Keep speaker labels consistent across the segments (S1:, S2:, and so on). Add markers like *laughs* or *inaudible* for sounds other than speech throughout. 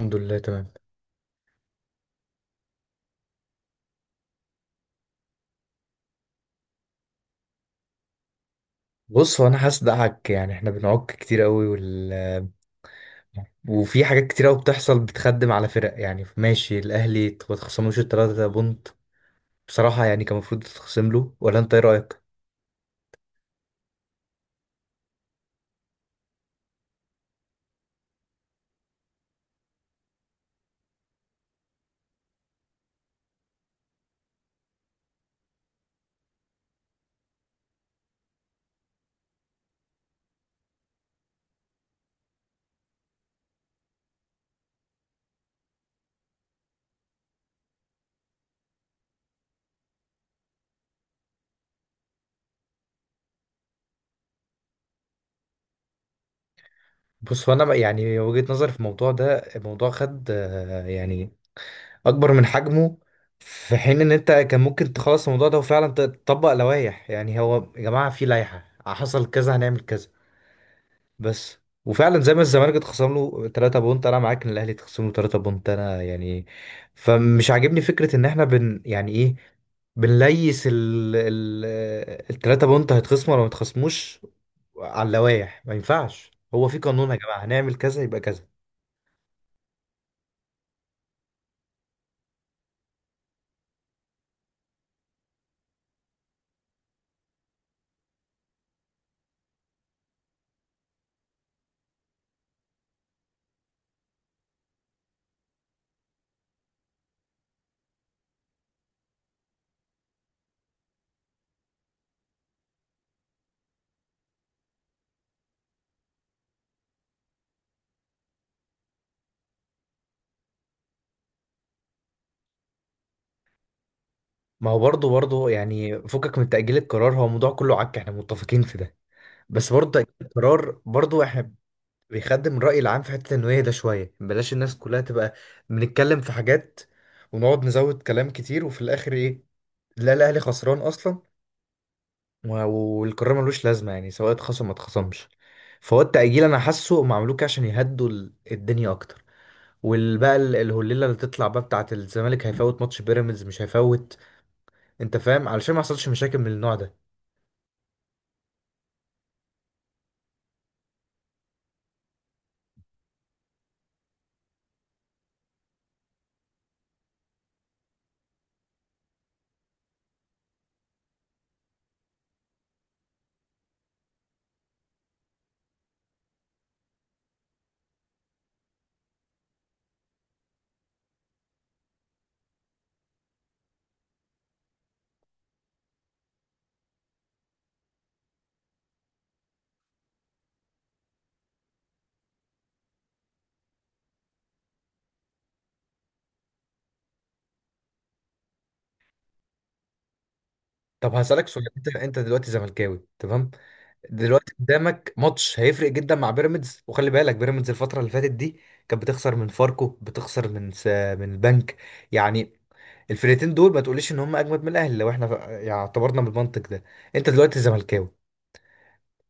S1: الحمد لله تمام. بص، هو انا هصدقك، يعني احنا بنعك كتير قوي وفي حاجات كتير قوي بتحصل بتخدم على فرق. يعني ماشي، الاهلي ما تخصموش التلاتة بونت بصراحة، يعني كان المفروض تتخصم له، ولا انت ايه رأيك؟ بص، هو يعني وجهة نظري في الموضوع ده، الموضوع خد يعني اكبر من حجمه، في حين ان انت كان ممكن تخلص الموضوع ده وفعلا تطبق لوائح. يعني هو يا جماعة في لائحة، حصل كذا هنعمل كذا بس. وفعلا زي ما الزمالك اتخصم له 3 بونت، انا معاك ان الاهلي اتخصم له 3 بونت. انا يعني فمش عاجبني فكره ان احنا يعني ايه، بنليس ال ال التلاتة بونت هيتخصموا ولا ما يتخصموش. على اللوايح، ما ينفعش، هو في قانون يا جماعة، هنعمل كذا يبقى كذا. ما هو برضه يعني فكك من تأجيل القرار، هو الموضوع كله عك، احنا متفقين في ده، بس برضه تأجيل القرار برضه احنا بيخدم الرأي العام في حتة التنوية ده شوية، بلاش الناس كلها تبقى بنتكلم في حاجات ونقعد نزود كلام كتير، وفي الآخر إيه؟ لا، الأهلي خسران أصلا، و- والقرار ملوش لازمة، يعني سواء اتخصم ما اتخصمش. فهو التأجيل أنا حاسه هم عملوه كده عشان يهدوا الدنيا أكتر، والبقى الهليلة اللي تطلع بقى بتاعة الزمالك هيفوت ماتش بيراميدز مش هيفوت. أنت فاهم؟ علشان ما يحصلش مشاكل من النوع ده. طب هسألك سؤال، أنت دلوقتي زملكاوي تمام، دلوقتي قدامك ماتش هيفرق جدا مع بيراميدز، وخلي بالك بيراميدز الفترة اللي فاتت دي كانت بتخسر من فاركو، بتخسر من من البنك، يعني الفرقتين دول ما تقوليش ان هم اجمد من الاهلي. لو احنا يعني اعتبرنا بالمنطق ده، انت دلوقتي زملكاوي،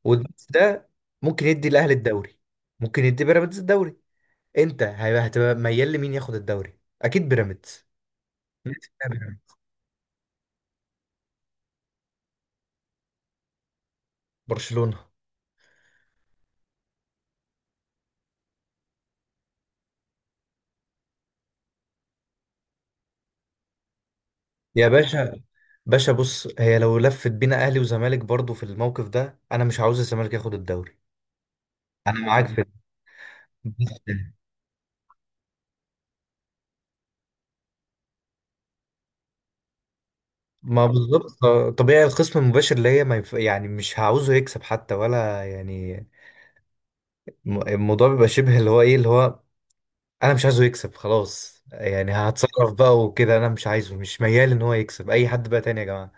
S1: والماتش ده ممكن يدي الاهلي الدوري، ممكن يدي بيراميدز الدوري، هتبقى ميال لمين ياخد الدوري؟ اكيد بيراميدز. برشلونة. يا باشا، باشا، بص، هي لو لفت بينا اهلي وزمالك برضو في الموقف ده، انا مش عاوز الزمالك ياخد الدوري. انا معاك في *laughs* بس. ما طب- بالظبط، طبيعي الخصم المباشر اللي هي ما يف... يعني مش هعوزه يكسب حتى، ولا يعني الموضوع بيبقى شبه اللي هو ايه، اللي هو انا مش عايزه يكسب خلاص، يعني هتصرف بقى وكده، انا مش عايزه، مش ميال ان هو يكسب اي حد بقى تاني يا جماعة.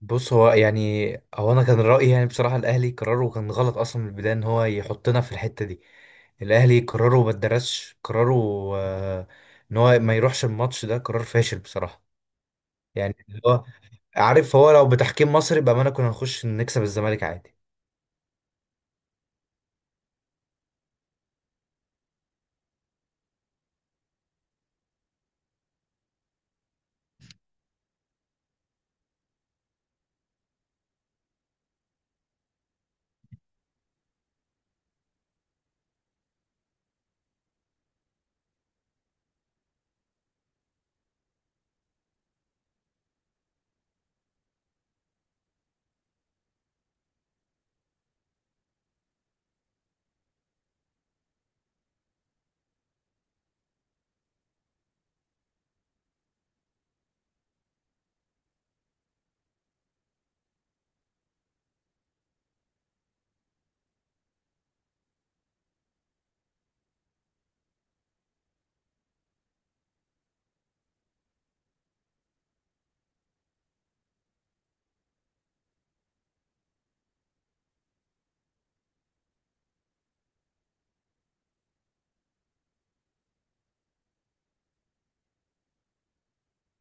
S1: بص، هو يعني هو انا كان رأيي يعني بصراحة الاهلي قراره كان غلط اصلا من البداية، ان هو يحطنا في الحتة دي. الاهلي قراره ما اتدرسش قراره، آه، ان هو ما يروحش الماتش ده قرار فاشل بصراحة، يعني اللي هو عارف، هو لو بتحكيم مصري بأمانة كنا نخش نكسب الزمالك عادي.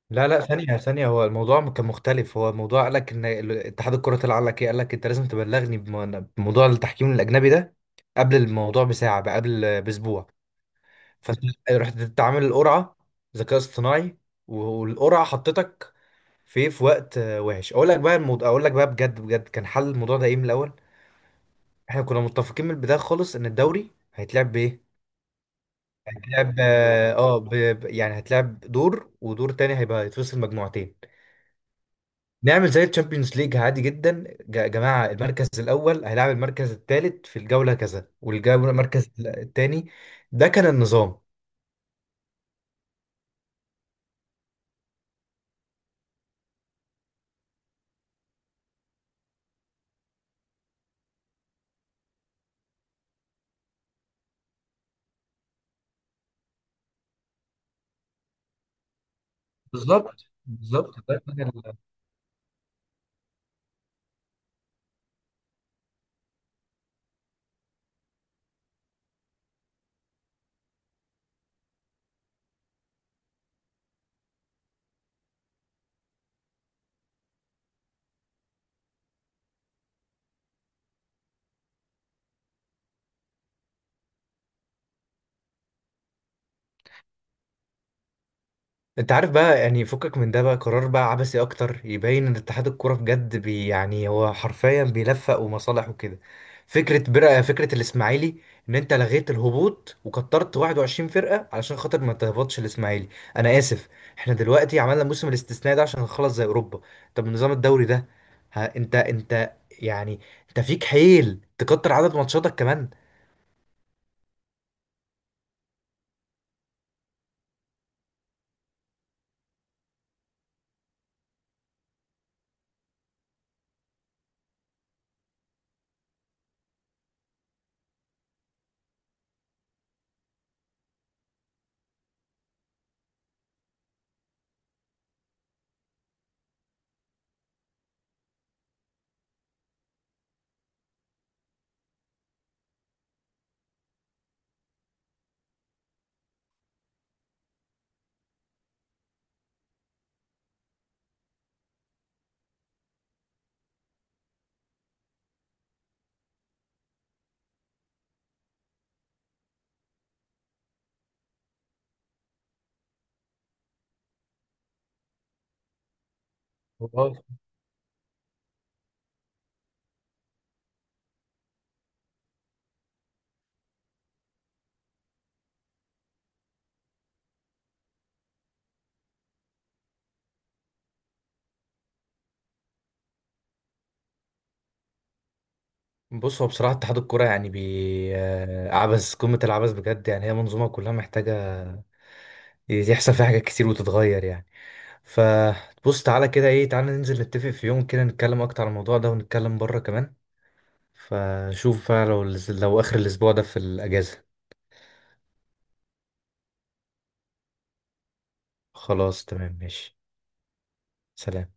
S1: لا، ثانية، هو الموضوع كان مختلف، هو الموضوع قال لك ان اتحاد الكرة طلع قال لك ايه، قال لك انت لازم تبلغني بموضوع التحكيم الأجنبي ده قبل الموضوع بساعة بقى قبل بأسبوع. فانت رحت تعمل القرعة ذكاء اصطناعي، والقرعة حطتك في وقت وحش. اقول لك بقى الموضوع، اقول لك بقى بجد بجد، كان حل الموضوع ده ايه من الأول؟ احنا كنا متفقين من البداية خالص ان الدوري هيتلعب بايه. هتلعب اه يعني هتلعب دور، ودور تاني هيبقى هيتفصل مجموعتين. نعمل زي الشامبيونز ليج عادي جدا يا جماعة، المركز الأول هيلعب المركز الثالث في الجولة كذا، والجولة المركز الثاني. ده كان النظام. بالظبط، بالظبط. انت عارف بقى، يعني فكك من ده بقى، قرار بقى عبثي اكتر يبين ان اتحاد الكوره بجد بي، يعني هو حرفيا بيلفق ومصالح وكده. فكره برقه، فكره الاسماعيلي، ان انت لغيت الهبوط وكترت 21 فرقه علشان خاطر ما تهبطش الاسماعيلي. انا اسف، احنا دلوقتي عملنا الموسم الاستثنائي ده عشان نخلص زي اوروبا. طب نظام الدوري ده؟ ها، انت انت يعني، انت فيك حيل تكتر عدد ماتشاتك كمان؟ بص، هو بصراحة اتحاد الكرة يعني بي عبث، قمة العبث بجد، يعني هي منظومة كلها محتاجة يحصل فيها حاجات كتير وتتغير يعني. فبص، تعالى كده ايه، تعالى ننزل نتفق في يوم كده نتكلم أكتر عن الموضوع ده، ونتكلم بره كمان. فشوف بقى لو آخر الأسبوع ده في الأجازة. خلاص تمام ماشي. سلام.